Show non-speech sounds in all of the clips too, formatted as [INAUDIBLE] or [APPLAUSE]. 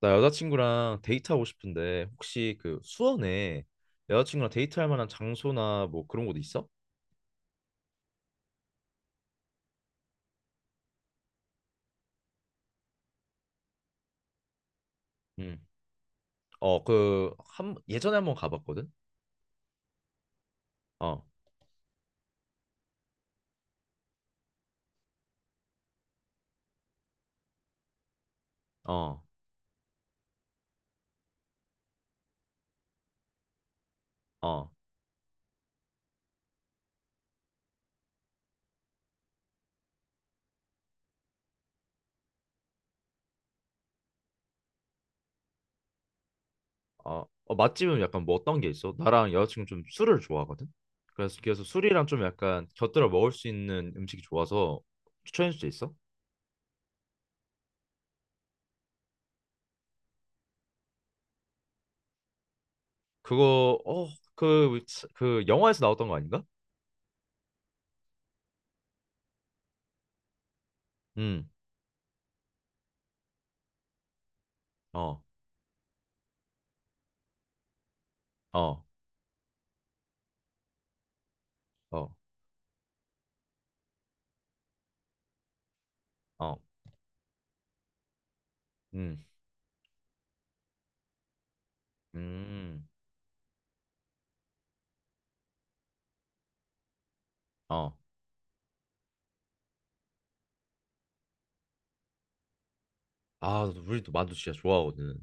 나 여자친구랑 데이트하고 싶은데 혹시 그 수원에 여자친구랑 데이트할 만한 장소나 뭐 그런 곳 있어? 응. 어, 그 한 예전에 한번 가봤거든. 어. 어. 어. 어. 어, 맛집은 약간 뭐 어떤 게 있어? 나랑 여자친구 좀 술을 좋아하거든. 그래서 술이랑 좀 약간 곁들여 먹을 수 있는 음식이 좋아서 추천해 줄 수 있어? 그거 어, 그, 그 영화에서 나왔던 거 아닌가? 응. 어. 어. 어. 어. 음. 음. 어. 아, 나도 우리도 만두 진짜 좋아하거든.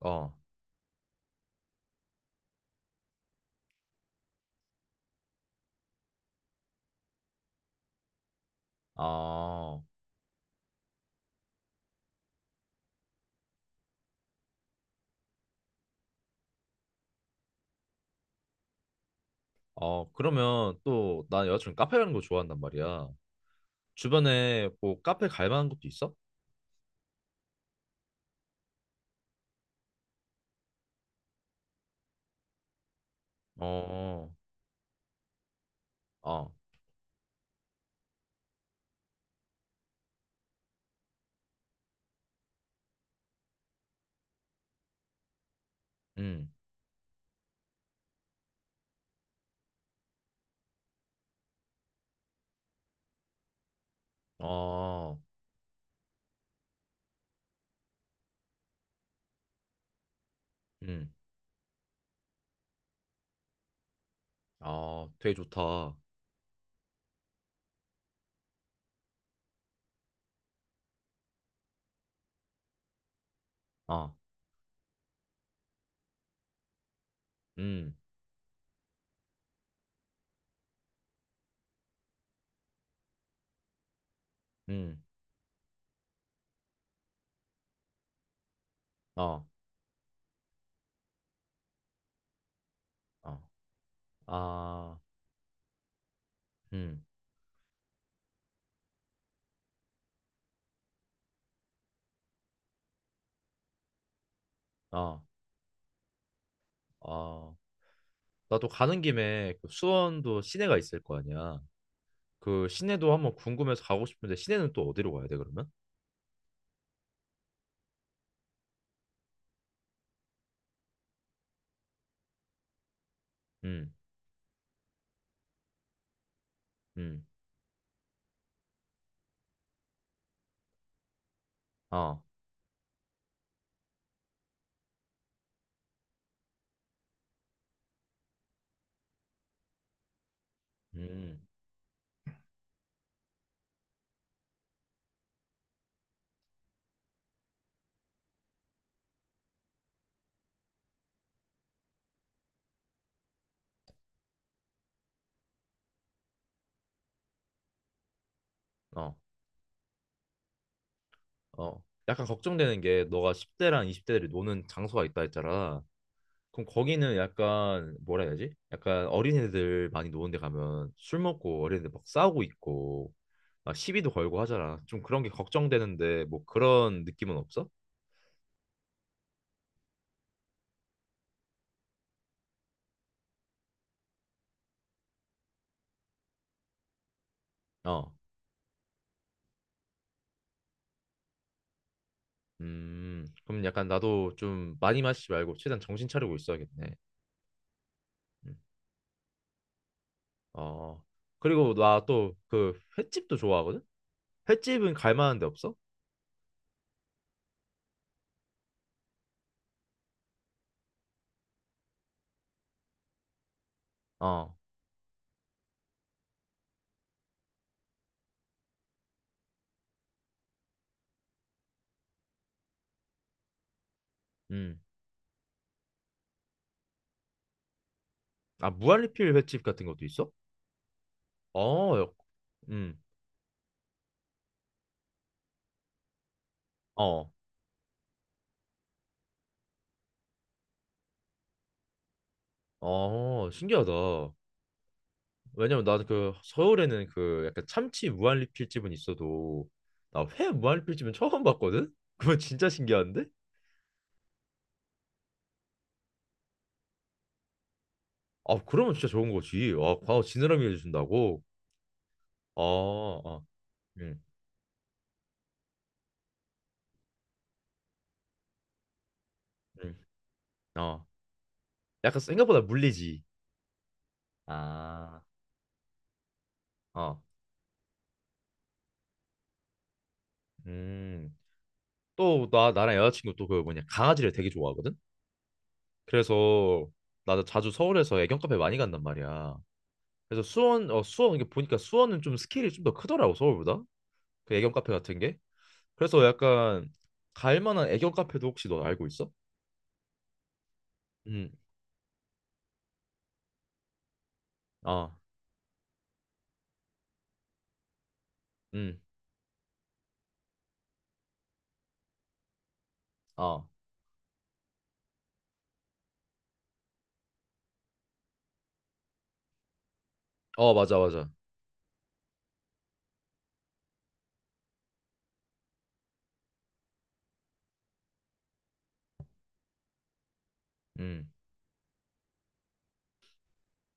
어. 아. 어, 그러면 또, 난 여자친구 카페 가는 거 좋아한단 말이야. 주변에 뭐 카페 갈 만한 곳도 있어? 어. 어. 음. 어. 음. 어, 되게 좋다. 어. 음. 음. 어. 어. 아. 음. 어. 어. 나도 가는 김에 그 수원도 시내가 있을 거 아니야. 그 시내도 한번 궁금해서 가고 싶은데 시내는 또 어디로 가야 돼, 그러면? 음. 음. 어. 음. 어. 어. 약간 걱정되는 게 너가 10대랑 20대들이 노는 장소가 있다 했잖아. 그럼 거기는 약간 뭐라 해야 되지? 약간 어린애들 많이 노는 데 가면 술 먹고 어린애들 막 싸우고 있고 막 시비도 걸고 하잖아. 좀 그런 게 걱정되는데 뭐 그런 느낌은 없어? 어. 그럼 약간 나도 좀 많이 마시지 말고 최대한 정신 차리고 있어야겠네. 음. 어. 그리고 나 또 그 횟집도 좋아하거든? 횟집은 갈 만한 데 없어? 어. 음. 아, 무한리필 횟집 같은 것도 있어? 어, 역- 음. 어. 어, 신기하다. 왜냐면 나는 그 서울에는 그 약간 참치 무한리필집은 있어도 나 회 무한리필집은 처음 봤거든? [LAUGHS] 그거 진짜 신기한데? 아, 그러면 진짜 좋은 거지. 아, 광어 지느러미 해준다고? 아. 어. 음. 음. 어. 약간 생각보다 물리지. 아. 어. 음. 또 나 나랑 여자친구 또 그 뭐냐 강아지를 되게 좋아하거든. 그래서 나도 자주 서울에서 애견 카페 많이 간단 말이야. 그래서 수원 어 수원 이게 보니까 수원은 좀 스케일이 좀 더 크더라고 서울보다, 그 애견 카페 같은 게. 그래서 약간 갈 만한 애견 카페도 혹시 너 알고 있어? 음. 아. 음. 아. 어, 맞아 맞아. 음.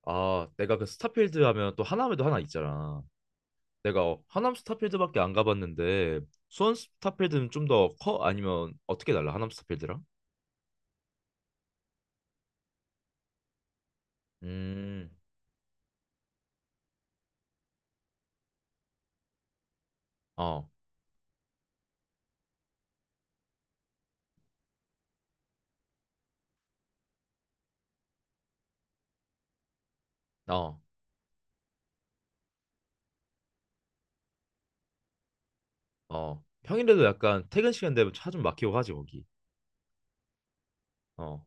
아, 내가 그 스타필드 하면 또 하남에도 하나 있잖아. 내가 어, 하남 스타필드밖에 안 가봤는데 수원 스타필드는 좀 더 커? 아니면 어떻게 달라? 하남 스타필드랑? 음. 어. 어. 어, 평일에도 약간 퇴근 시간 되면 차 좀 막히고 하지, 거기. 어.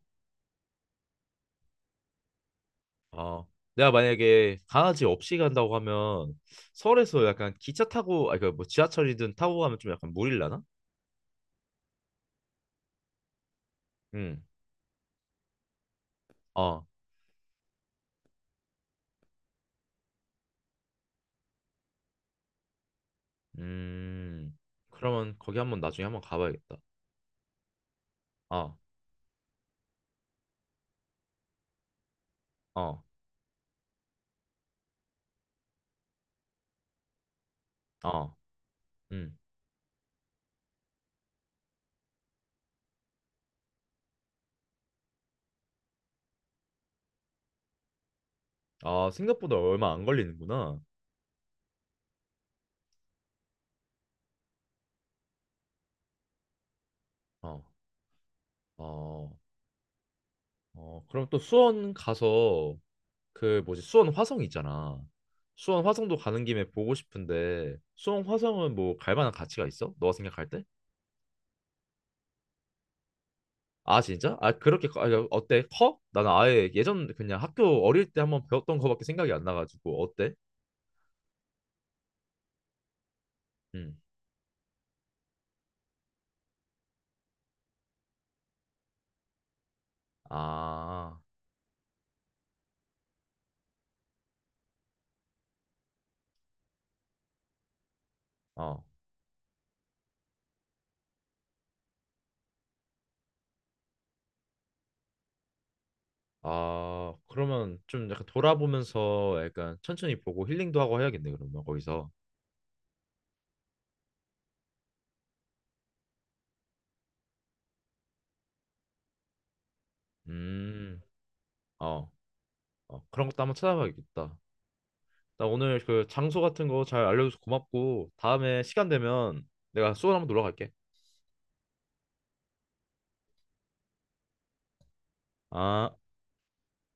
어. 내가 만약에 강아지 없이 간다고 하면 서울에서 약간 기차 타고, 아니, 그뭐 지하철이든 타고 가면 좀 약간 무릴라나? 응. 어. 음. 그러면 거기 한번 나중에 한번 가봐야겠다. 어. 어. 어. 음. 아, 생각보다 얼마 안 걸리는구나. 어. 어. 어. 그럼 또 수원 가서 그 뭐지 수원 화성 있잖아. 수원 화성도 가는 김에 보고 싶은데 수원 화성은 뭐 갈 만한 가치가 있어? 너가 생각할 때? 아 진짜? 아 그렇게 커- 아, 어때? 커? 나는 아예 예전 그냥 학교 어릴 때 한번 배웠던 거밖에 생각이 안 나가지고 어때? 음. 아. 어. 아, 그러면 좀 약간 돌아보면서 약간 천천히 보고 힐링도 하고 해야겠네, 그러면 거기서. 음. 어. 어, 그런 것도 한번 찾아봐야겠다. 나 오늘 그 장소 같은 거 잘 알려줘서 고맙고 다음에 시간 되면 내가 수원 한번 놀러 갈게. 아.